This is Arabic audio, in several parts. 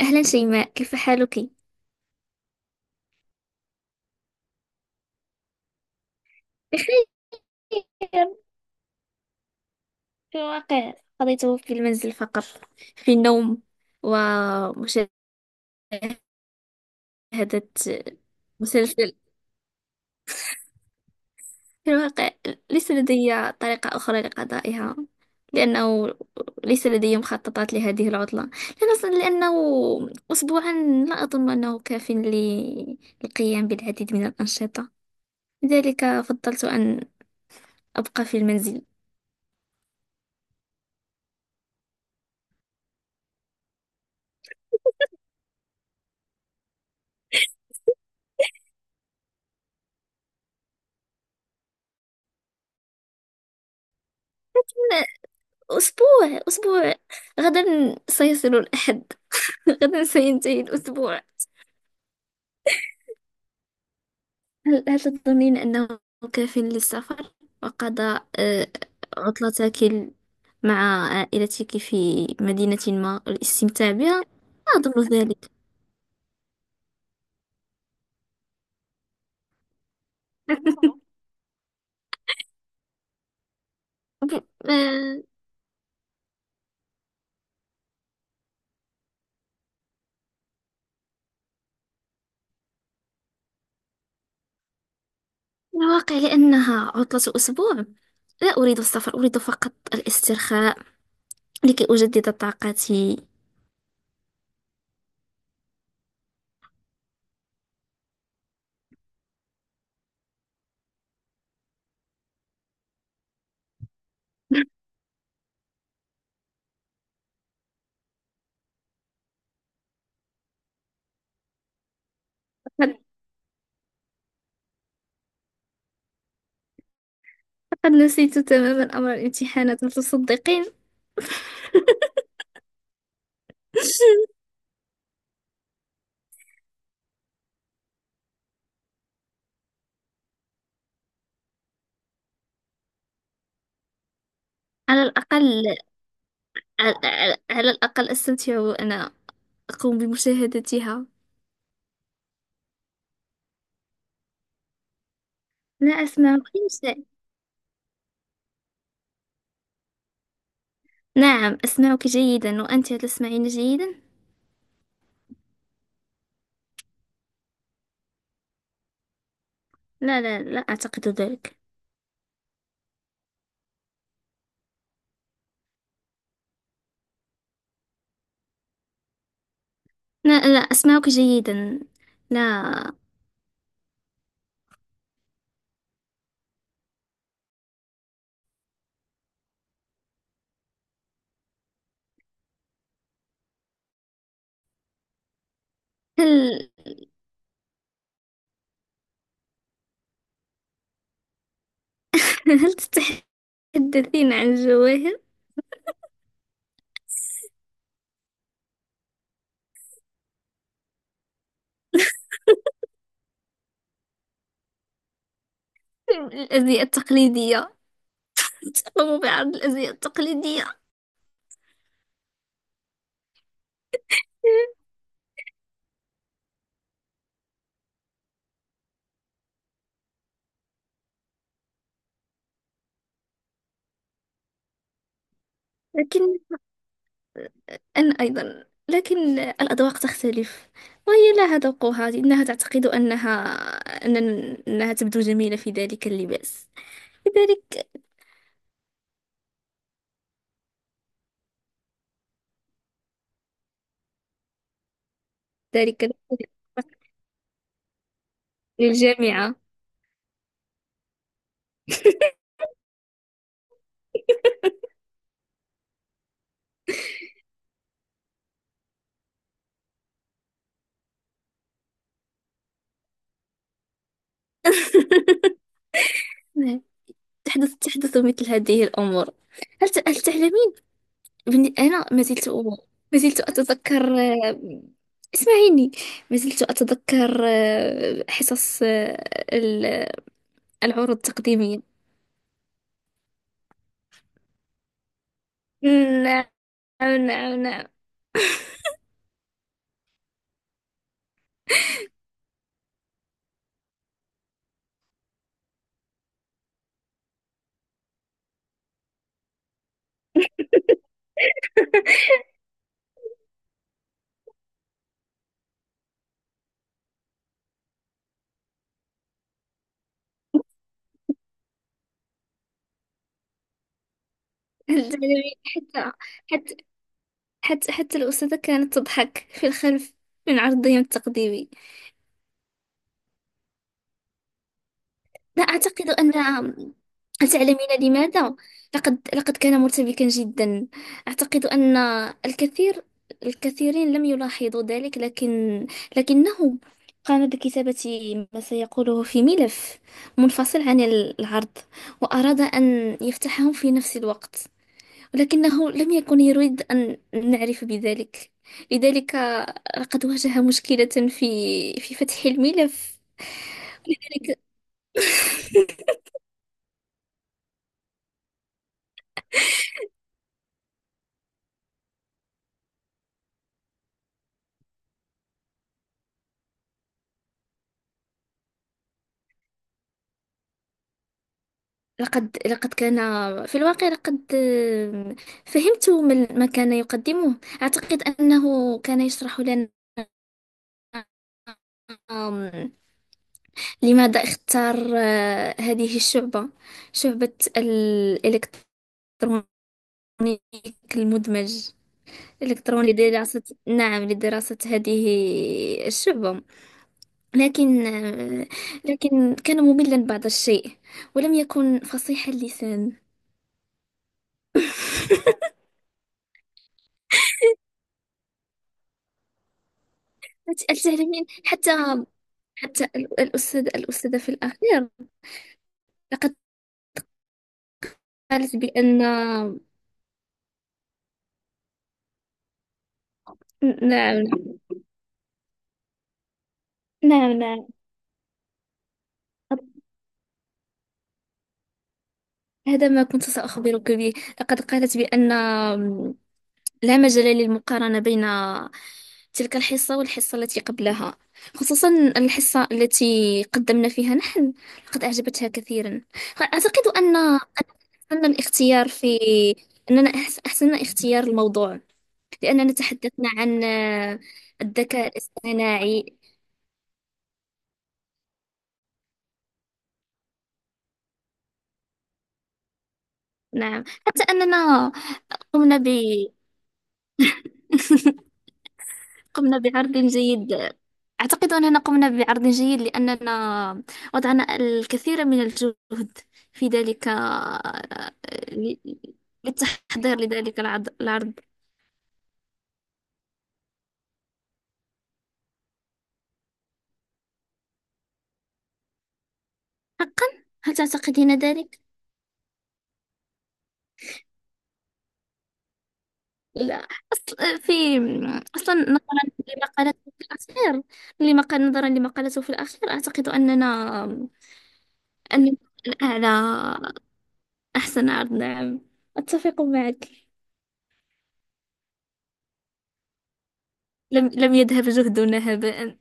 أهلا شيماء، كيف حالك؟ بخير. في الواقع قضيته في المنزل فقط، في النوم ومشاهدة مسلسل. في الواقع ليس لدي طريقة أخرى لقضائها، لأنه ليس لدي مخططات لهذه العطلة. لأنه أسبوعا، لا أظن أنه كاف للقيام بالعديد من الأنشطة، لذلك فضلت أن أبقى في المنزل. أسبوع أسبوع، غدا سيصل الأحد. غدا سينتهي الأسبوع. هل تظنين أنه كاف للسفر وقضاء عطلتك مع عائلتك في مدينة ما والاستمتاع بها؟ لا أظن ذلك. ب- آه، من الواقع، لأنها عطلة أسبوع. لا أريد السفر، أريد فقط الاسترخاء لكي أجدد طاقتي. لقد نسيت تماما أمر الامتحانات، هل تصدقين؟ على الأقل، على الأقل أستمتع وأنا أقوم بمشاهدتها. لا أسمعك شيء. نعم أسمعك جيدا، وأنت تسمعين جيدا؟ لا، لا، لا أعتقد ذلك. لا، لا أسمعك جيدا. لا. هل هل تتحدثين عن الجواهر؟ الأزياء التقليدية، تقوم بعرض الأزياء التقليدية. لكن أنا أيضا، لكن الأذواق تختلف، وهي لها ذوقها. إنها تعتقد أن أنها تبدو جميلة في ذلك اللباس. لذلك. ذلك للجامعة. نعم، تحدث مثل هذه الأمور. هل تعلمين؟ أنا ما زلت، ما زلت أتذكر اسمعيني، ما زلت أتذكر حصص العروض التقديمية. نعم، نعم، نعم. جميل. حتى حتى حتى الأستاذة كانت تضحك في الخلف من عرضهم التقديمي. لا أعتقد أن، هل تعلمين لماذا؟ لقد كان مرتبكا جدا. أعتقد أن الكثير الكثيرين لم يلاحظوا ذلك، لكنه قام بكتابة ما سيقوله في ملف منفصل عن العرض، وأراد أن يفتحه في نفس الوقت، ولكنه لم يكن يريد أن نعرف بذلك. لذلك لقد واجه مشكلة في فتح الملف. لذلك لقد كان، في الواقع لقد فهمت ما كان يقدمه. أعتقد أنه كان يشرح لنا، آم، لماذا اختار هذه الشعبة، شعبة الإلكترونيك المدمج الإلكتروني لدراسة، نعم لدراسة هذه الشعبة. لكن لكن كان مملا بعض الشيء، ولم يكن فصيح اللسان. أتعلمين، حتى الأستاذة في الأخير لقد قالت بأن، نعم، نعم، نعم، هذا ما كنت سأخبرك به. لقد قالت بأن لا مجال للمقارنة بين تلك الحصة والحصة التي قبلها، خصوصا الحصة التي قدمنا فيها نحن. لقد أعجبتها كثيرا. أعتقد أن أحسن الاختيار في أننا أحسننا اختيار الموضوع، لأننا تحدثنا عن الذكاء الاصطناعي. نعم، حتى أننا قمنا ب قمنا بعرض جيد. أعتقد أننا قمنا بعرض جيد لأننا وضعنا الكثير من الجهد في ذلك، للتحضير لذلك العرض. حقا؟ هل تعتقدين ذلك؟ لا، أصل في أصلا نظرا لمقالته في الأخير، نظرا لمقالته في الأخير أعتقد أننا أن الأعلى، أحسن عرض. نعم، أتفق معك. لم يذهب جهدنا هباء.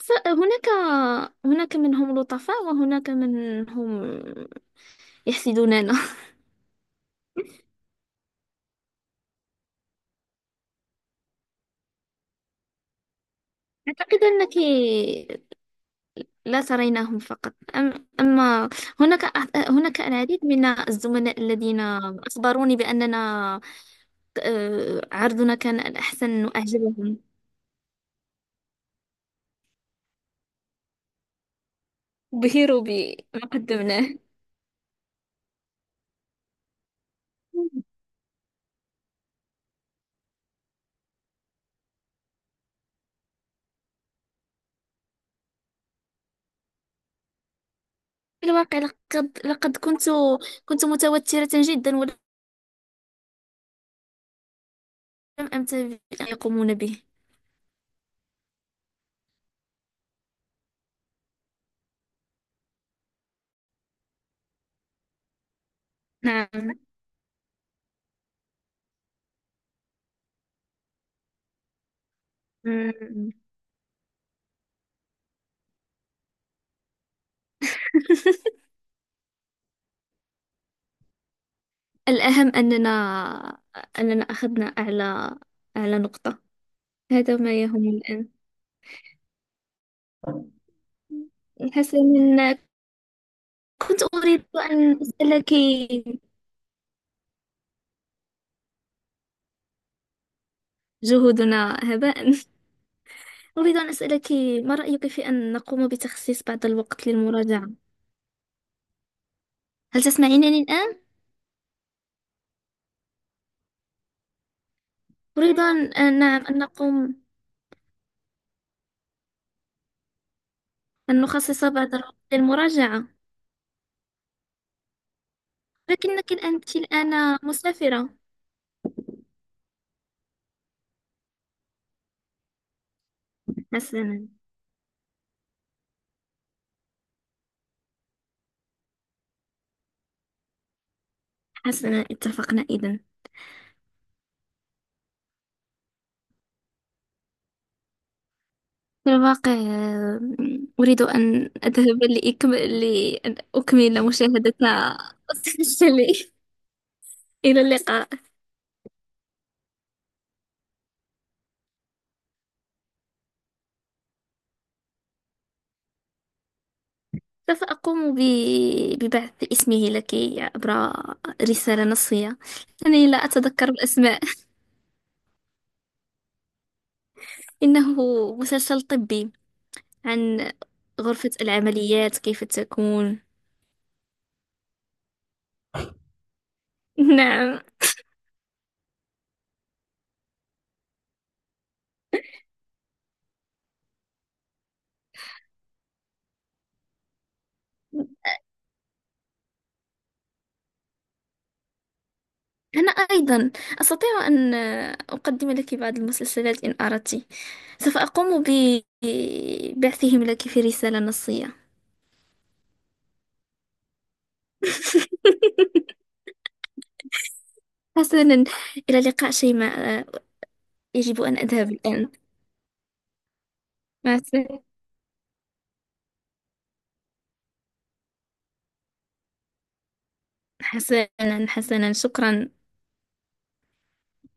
هناك هناك منهم لطفاء، وهناك منهم يحسدوننا. أعتقد أنك لا تريناهم فقط، أما هناك، هناك العديد من الزملاء الذين أخبروني بأننا عرضنا كان الأحسن، وأعجبهم، بهروا بما قدمناه. في الواقع لقد كنت، كنت متوترة جدا، ولم أنتبه أن يقومون به. نعم. الأهم أننا، أننا أخذنا أعلى، أعلى نقطة. هذا ما يهم الآن. حسنا، كنت أريد أن أسألك، جهودنا هباء. أريد أن أسألك، ما رأيك في أن نقوم بتخصيص بعض الوقت للمراجعة؟ هل تسمعينني الآن؟ أريد نعم أن نقوم، أن نخصص بعض الوقت للمراجعة. لكنك أنت الآن مسافرة. حسنا. حسنا، اتفقنا إذا. في الواقع أريد أن أذهب لأن أكمل مشاهدة. مسلسلي. إلى اللقاء. سوف ببعث اسمه لك عبر رسالة نصية، أنني لا أتذكر الأسماء. إنه مسلسل طبي عن غرفة العمليات كيف تكون. نعم. أنا أيضا أستطيع أن أقدم لك بعض المسلسلات إن أردت، سوف أقوم ببعثهم لك في رسالة نصية. حسنا، إلى اللقاء شيماء، يجب أن أذهب الآن. مع السلامة. حسنا، حسنا، شكرا.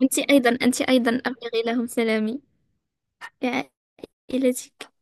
أنت أيضا أبلغي لهم سلامي لعائلتك.